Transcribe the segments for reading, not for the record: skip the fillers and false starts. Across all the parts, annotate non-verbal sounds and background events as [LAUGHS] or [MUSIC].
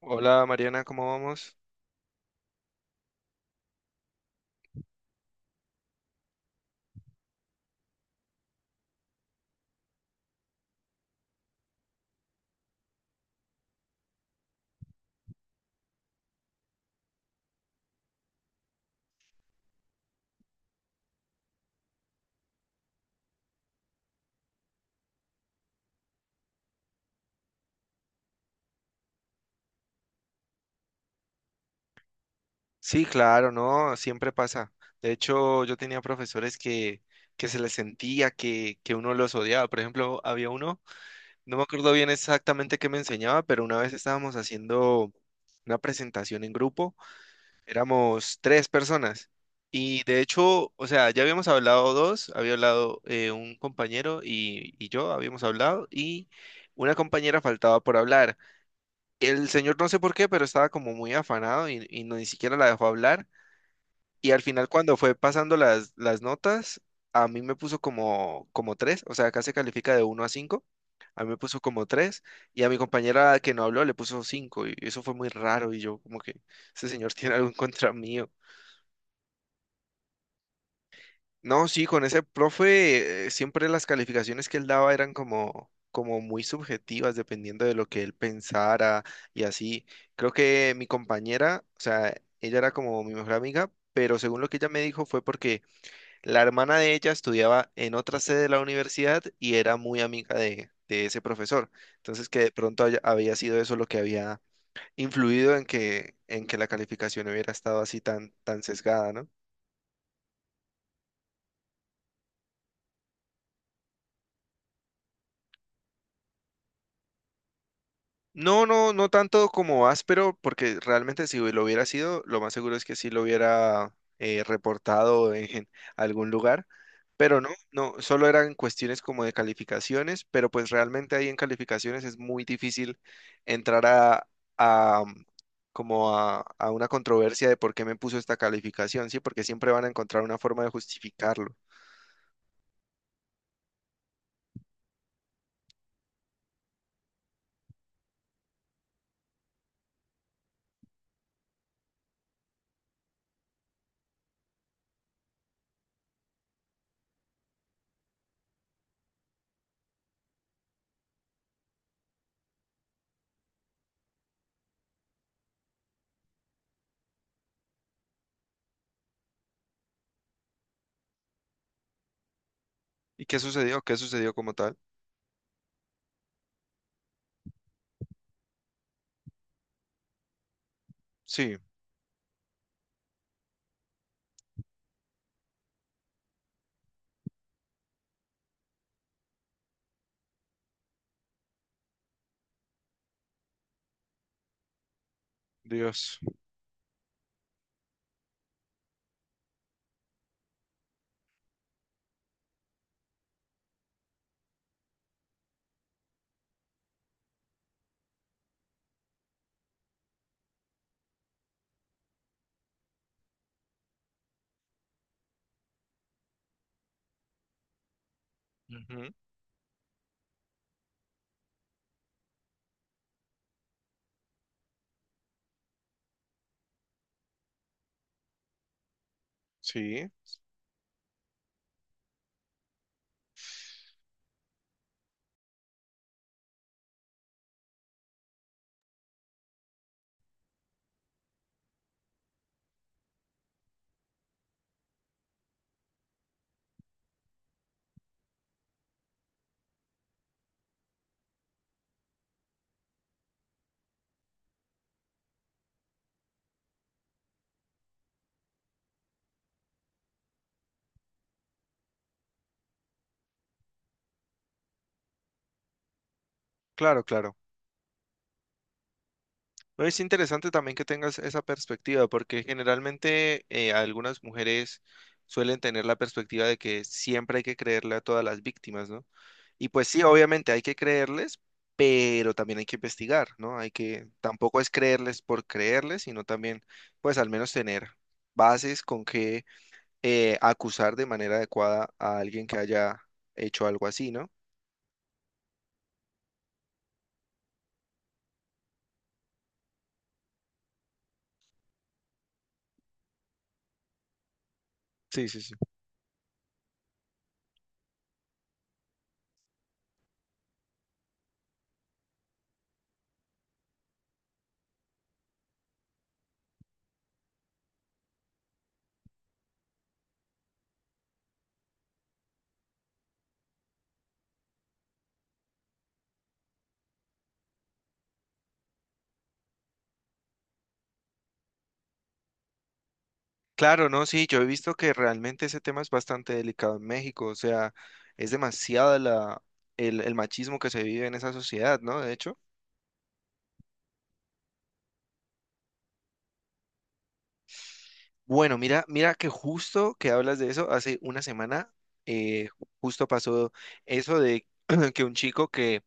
Hola Mariana, ¿cómo vamos? Sí, claro, no, siempre pasa. De hecho, yo tenía profesores que se les sentía que uno los odiaba. Por ejemplo, había uno, no me acuerdo bien exactamente qué me enseñaba, pero una vez estábamos haciendo una presentación en grupo, éramos tres personas. Y de hecho, o sea, ya habíamos hablado dos, había hablado un compañero y yo habíamos hablado y una compañera faltaba por hablar. El señor no sé por qué, pero estaba como muy afanado y no, ni siquiera la dejó hablar. Y al final cuando fue pasando las notas, a mí me puso como tres, o sea, acá se califica de uno a cinco, a mí me puso como tres y a mi compañera que no habló le puso cinco y eso fue muy raro y yo como que ese señor [LAUGHS] tiene algo en contra mío. No, sí, con ese profe, siempre las calificaciones que él daba eran como, como muy subjetivas, dependiendo de lo que él pensara y así. Creo que mi compañera, o sea, ella era como mi mejor amiga, pero según lo que ella me dijo fue porque la hermana de ella estudiaba en otra sede de la universidad y era muy amiga de ese profesor. Entonces, que de pronto había sido eso lo que había influido en que la calificación hubiera estado así tan, tan sesgada, ¿no? No, no, no tanto como áspero, porque realmente si lo hubiera sido, lo más seguro es que sí lo hubiera reportado en algún lugar, pero no, no, solo eran cuestiones como de calificaciones, pero pues realmente ahí en calificaciones es muy difícil entrar a, a, mm, como a una controversia de por qué me puso esta calificación, ¿sí? Porque siempre van a encontrar una forma de justificarlo. ¿Y qué sucedió? ¿Qué sucedió como tal? Sí, Dios. Ujú. Sí, claro, claro. No, es interesante también que tengas esa perspectiva, porque generalmente algunas mujeres suelen tener la perspectiva de que siempre hay que creerle a todas las víctimas, ¿no? Y pues sí, obviamente hay que creerles, pero también hay que investigar, ¿no? Hay que, tampoco es creerles por creerles, sino también, pues al menos tener bases con que acusar de manera adecuada a alguien que haya hecho algo así, ¿no? Sí, sí, sí. Claro, no, sí, yo he visto que realmente ese tema es bastante delicado en México, o sea, es demasiado la, el machismo que se vive en esa sociedad, ¿no? De hecho. Bueno, mira, mira que justo que hablas de eso, hace una semana eh, justo pasó eso de [CLEARS THROAT] que un chico que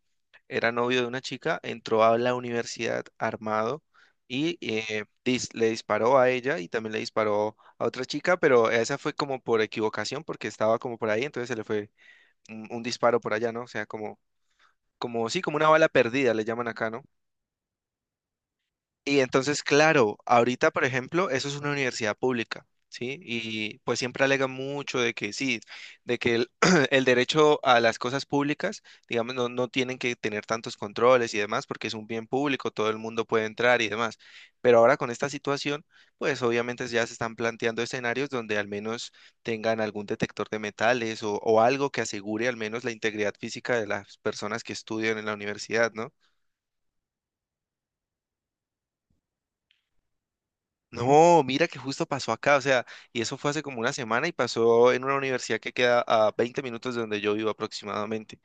era novio de una chica entró a la universidad armado y le disparó a ella y también le disparó a otra chica, pero esa fue como por equivocación porque estaba como por ahí, entonces se le fue un disparo por allá, ¿no? O sea, como, como sí, como una bala perdida, le llaman acá, ¿no? Y entonces, claro, ahorita, por ejemplo, eso es una universidad pública, ¿sí? Y pues siempre alega mucho de que sí, de que el, [CLEARS THROAT] el derecho a las cosas públicas, digamos, no, no tienen que tener tantos controles y demás, porque es un bien público, todo el mundo puede entrar y demás. Pero ahora con esta situación, pues obviamente ya se están planteando escenarios donde al menos tengan algún detector de metales o algo que asegure al menos la integridad física de las personas que estudian en la universidad, ¿no? No, mira que justo pasó acá, o sea, y eso fue hace como una semana y pasó en una universidad que queda a 20 minutos de donde yo vivo aproximadamente.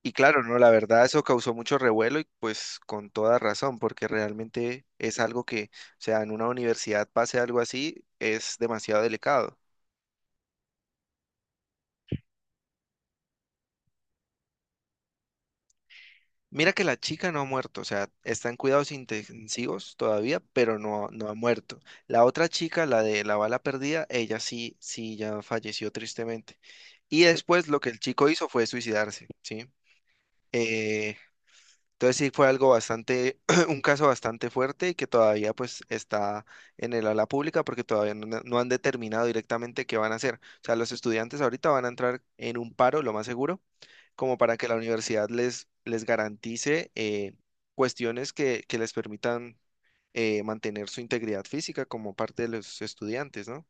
Y claro, no, la verdad eso causó mucho revuelo y pues con toda razón, porque realmente es algo que, o sea, en una universidad pase algo así es demasiado delicado. Mira que la chica no ha muerto, o sea, está en cuidados intensivos todavía, pero no, no ha muerto. La otra chica, la de la bala perdida, ella sí, sí ya falleció tristemente. Y después lo que el chico hizo fue suicidarse, ¿sí? Eh, entonces sí fue algo bastante, [CLEARS THROAT] un caso bastante fuerte y que todavía pues está en el ala pública porque todavía no, no han determinado directamente qué van a hacer. O sea, los estudiantes ahorita van a entrar en un paro, lo más seguro, como para que la universidad les, les garantice cuestiones que les permitan mantener su integridad física como parte de los estudiantes, ¿no?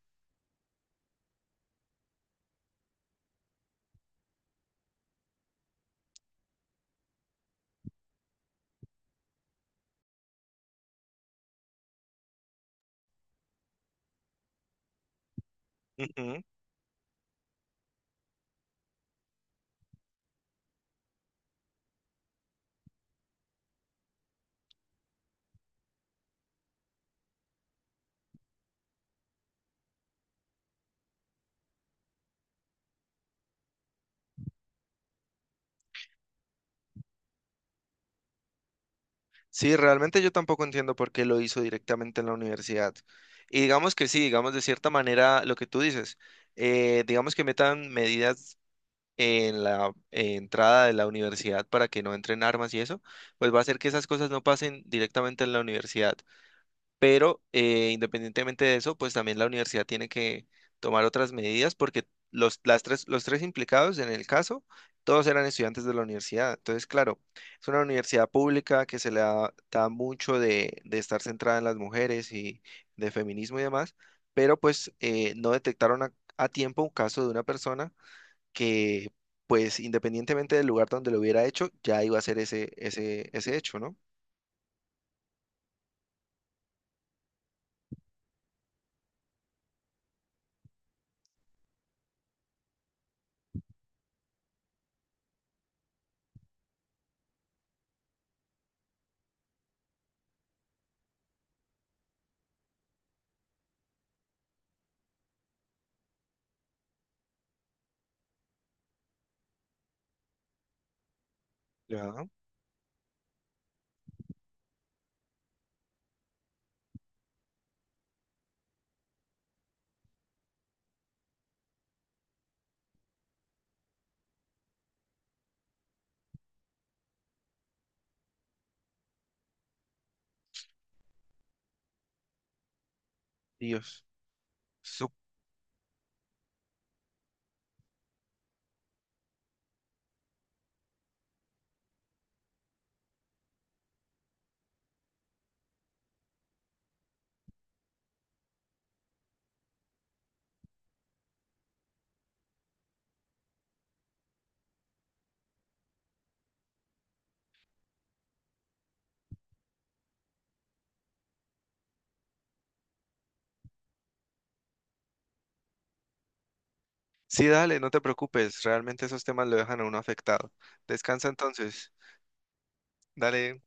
Ujú. Sí, realmente yo tampoco entiendo por qué lo hizo directamente en la universidad. Y digamos que sí, digamos de cierta manera lo que tú dices, digamos que metan medidas en la entrada de la universidad para que no entren armas y eso, pues va a hacer que esas cosas no pasen directamente en la universidad. Pero independientemente de eso, pues también la universidad tiene que tomar otras medidas porque las tres, los tres implicados en el caso, todos eran estudiantes de la universidad. Entonces, claro, es una universidad pública que se le da mucho de estar centrada en las mujeres y de feminismo y demás, pero pues no detectaron a tiempo un caso de una persona que, pues independientemente del lugar donde lo hubiera hecho, ya iba a ser ese, ese, ese hecho, ¿no? Ya, Dios. Sí, dale, no te preocupes, realmente esos temas lo dejan a uno afectado. Descansa entonces. Dale.